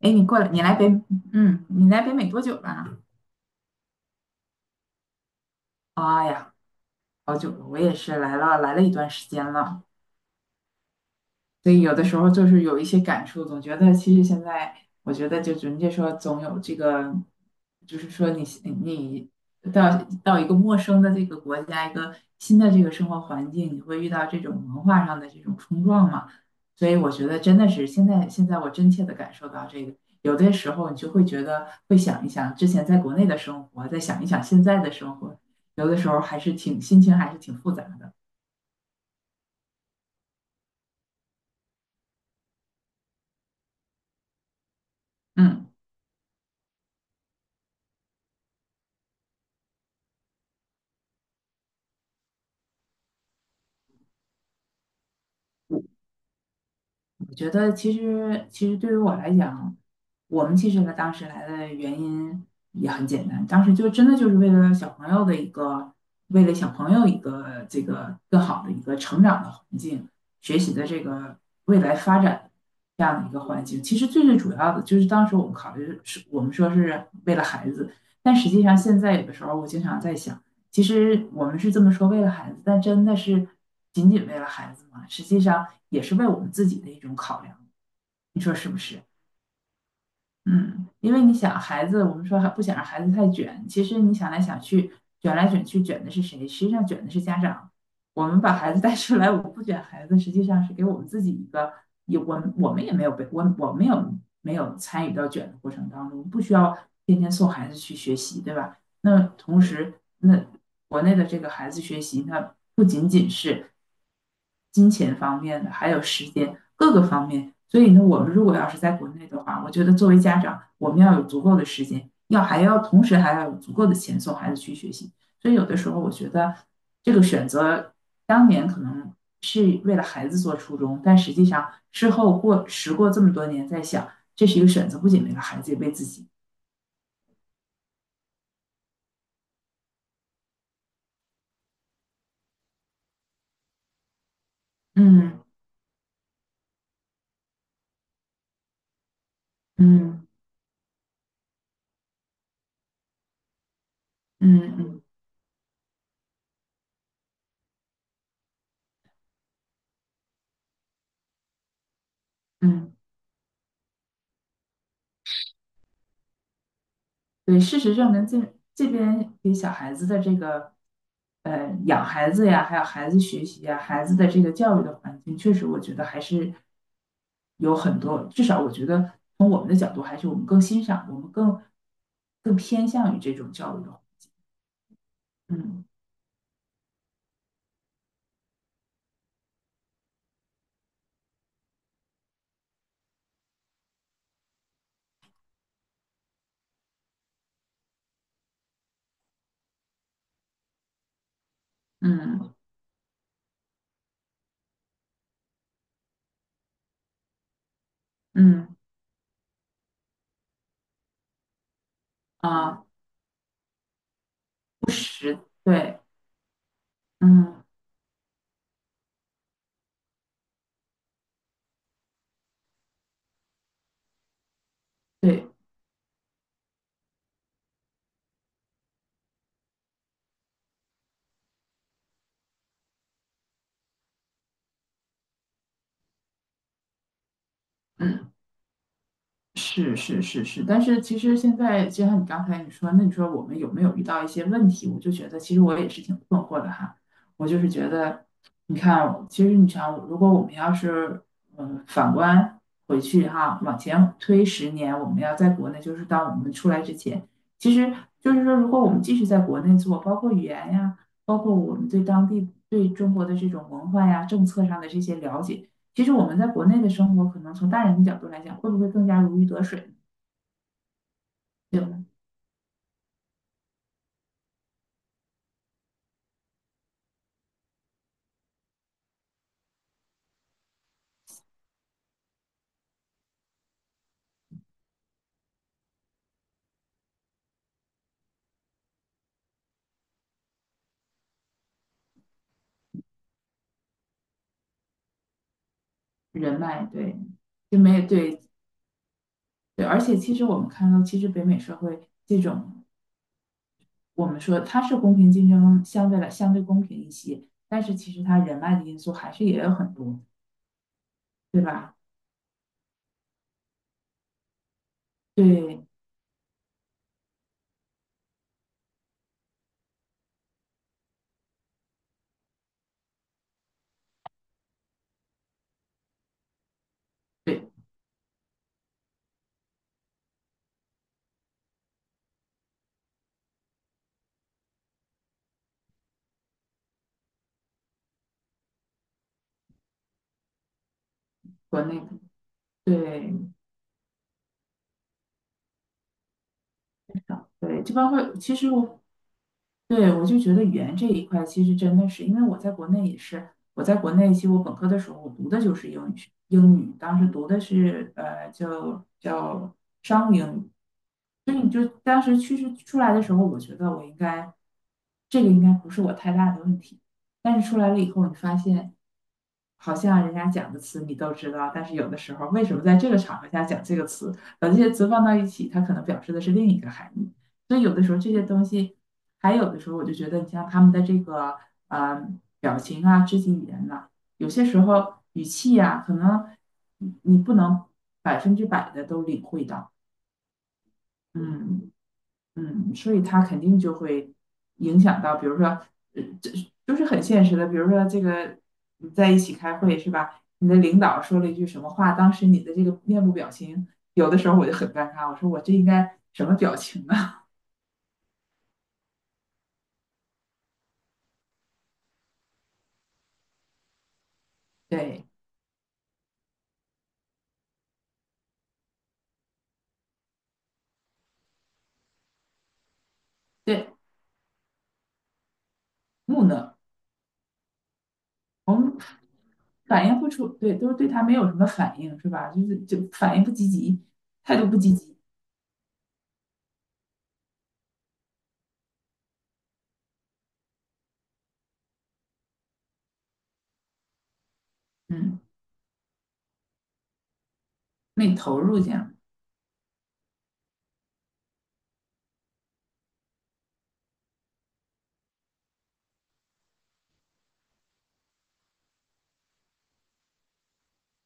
哎，你过来，你来北，你来北美多久了？哎呀，好久了，我也是来了一段时间了。所以有的时候就是有一些感触，总觉得其实现在，我觉得就人家说总有这个，就是说你到到一个陌生的这个国家，一个新的这个生活环境，你会遇到这种文化上的这种冲撞嘛？所以我觉得真的是现在我真切的感受到这个，有的时候你就会觉得会想一想之前在国内的生活，再想一想现在的生活，有的时候还是挺心情还是挺复杂的。嗯。我觉得其实对于我来讲，我们其实呢当时来的原因也很简单，当时就真的就是为了小朋友一个这个更好的一个成长的环境，学习的这个未来发展这样的一个环境。其实最最主要的就是当时我们考虑是我们说是为了孩子，但实际上现在有的时候我经常在想。其实我们是这么说，为了孩子，但真的是仅仅为了孩子吗？实际上也是为我们自己的一种考量，你说是不是？嗯，因为你想，孩子，我们说还不想让孩子太卷，其实你想来想去，卷来卷去，卷的是谁？实际上卷的是家长。我们把孩子带出来，我们不卷孩子，实际上是给我们自己一个，也我们我们也没有被我我们有没有参与到卷的过程当中，不需要天天送孩子去学习，对吧？那同时，那国内的这个孩子学习，那不仅仅是金钱方面的，还有时间各个方面。所以呢，我们如果要是在国内的话，我觉得作为家长，我们要有足够的时间，要还要同时还要有足够的钱送孩子去学习。所以有的时候，我觉得这个选择当年可能是为了孩子做初衷，但实际上事后过这么多年，在想这是一个选择，不仅为了孩子，也为自己。嗯嗯嗯嗯。嗯，对，事实证明这边给小孩子的这个，养孩子呀，还有孩子学习呀，孩子的这个教育的环境，确实我觉得还是有很多，至少我觉得从我们的角度，还是我们更欣赏，我们更偏向于这种教育的，嗯嗯嗯啊，不实，对，嗯对，嗯。是是是是，但是其实现在就像你刚才你说，那你说我们有没有遇到一些问题？我就觉得其实我也是挺困惑的哈。我就是觉得，你看，其实你想，如果我们要是反观回去哈，往前推10年，我们要在国内，就是当我们出来之前，其实就是说，如果我们继续在国内做，包括语言呀，包括我们对当地对中国的这种文化呀、政策上的这些了解。其实我们在国内的生活，可能从大人的角度来讲，会不会更加如鱼得水？对吧？人脉，对，就没有对对，而且其实我们看到，其实北美社会这种，我们说它是公平竞争，相对公平一些，但是其实它人脉的因素还是也有很多，对吧？对对，国内对对，就包括其实我对，我就觉得语言这一块其实真的是，因为我在国内也是，我在国内其实我本科的时候我读的就是英语英语当时读的是叫商务英语，所以你就当时趋势出来的时候，我觉得我应该这个应该不是我太大的问题，但是出来了以后，你发现好像人家讲的词你都知道，但是有的时候为什么在这个场合下讲这个词，把这些词放到一起，它可能表示的是另一个含义。所以有的时候这些东西，还有的时候，我就觉得，你像他们的这个呃表情啊、肢体语言呐、有些时候语气呀、可能你不能百分之百的都领会到，嗯嗯，所以他肯定就会影响到，比如说，这就是很现实的，比如说这个你在一起开会是吧？你的领导说了一句什么话，当时你的这个面部表情，有的时候我就很尴尬，我说我这应该什么表情啊？对对，木讷。反应不出，对，都是对他没有什么反应，是吧？就是反应不积极，态度不积极，嗯，没投入进样，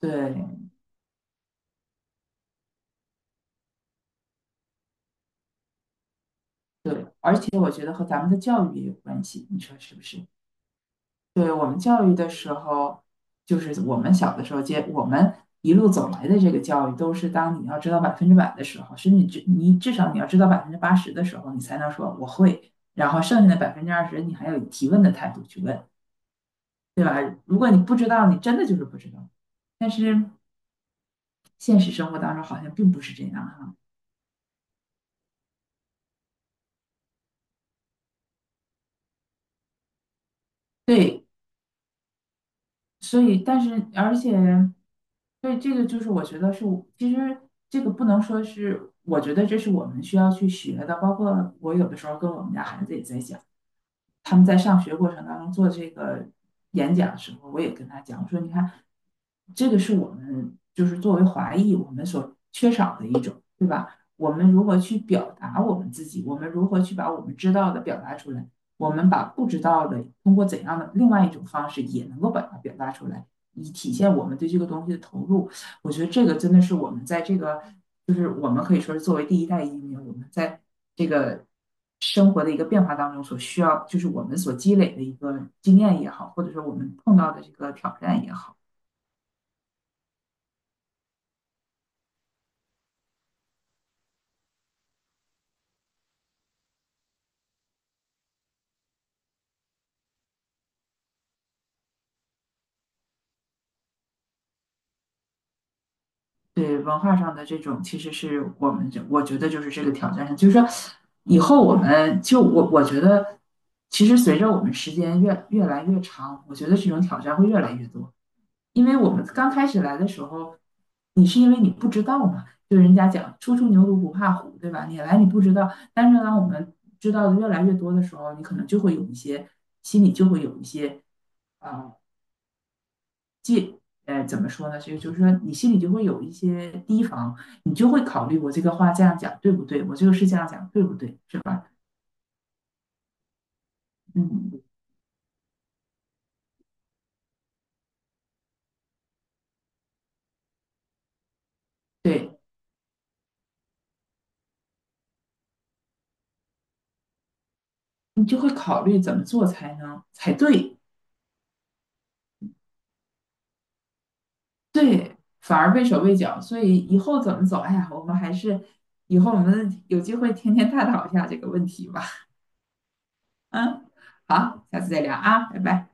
对对，而且我觉得和咱们的教育也有关系，你说是不是？对我们教育的时候，就是我们小的时候接我们一路走来的这个教育，都是当你要知道百分之百的时候，甚至至你至少你要知道80%的时候，你才能说我会，然后剩下的20%，你还有提问的态度去问，对吧？如果你不知道，你真的就是不知道。但是现实生活当中好像并不是这样哈。对，所以但是而且，对这个就是我觉得是其实这个不能说是，我觉得这是我们需要去学的。包括我有的时候跟我们家孩子也在讲，他们在上学过程当中做这个演讲的时候，我也跟他讲，我说你看，这个是我们就是作为华裔我们所缺少的一种，对吧？我们如何去表达我们自己？我们如何去把我们知道的表达出来？我们把不知道的通过怎样的另外一种方式也能够把它表达出来，以体现我们对这个东西的投入。我觉得这个真的是我们在这个就是我们可以说是作为第一代移民，我们在这个生活的一个变化当中所需要，就是我们所积累的一个经验也好，或者说我们碰到的这个挑战也好，对文化上的这种，其实是我们这我觉得就是这个挑战上，就是说以后我们就我觉得，其实随着我们时间越来越长，我觉得这种挑战会越来越多。因为我们刚开始来的时候，你是因为你不知道嘛，就人家讲初出牛犊不怕虎，对吧？你不知道，但是呢，我们知道的越来越多的时候，你可能就会有一些心里就会有一些啊戒，呃，怎么说呢？所以就是说，你心里就会有一些提防，你就会考虑我这个话这样讲对不对，我这个事这样讲对不对，是吧？嗯，对，你就会考虑怎么做才对。反而畏手畏脚，所以以后怎么走？哎呀，我们还是以后我们有机会天天探讨一下这个问题吧。嗯，好，下次再聊啊，拜拜。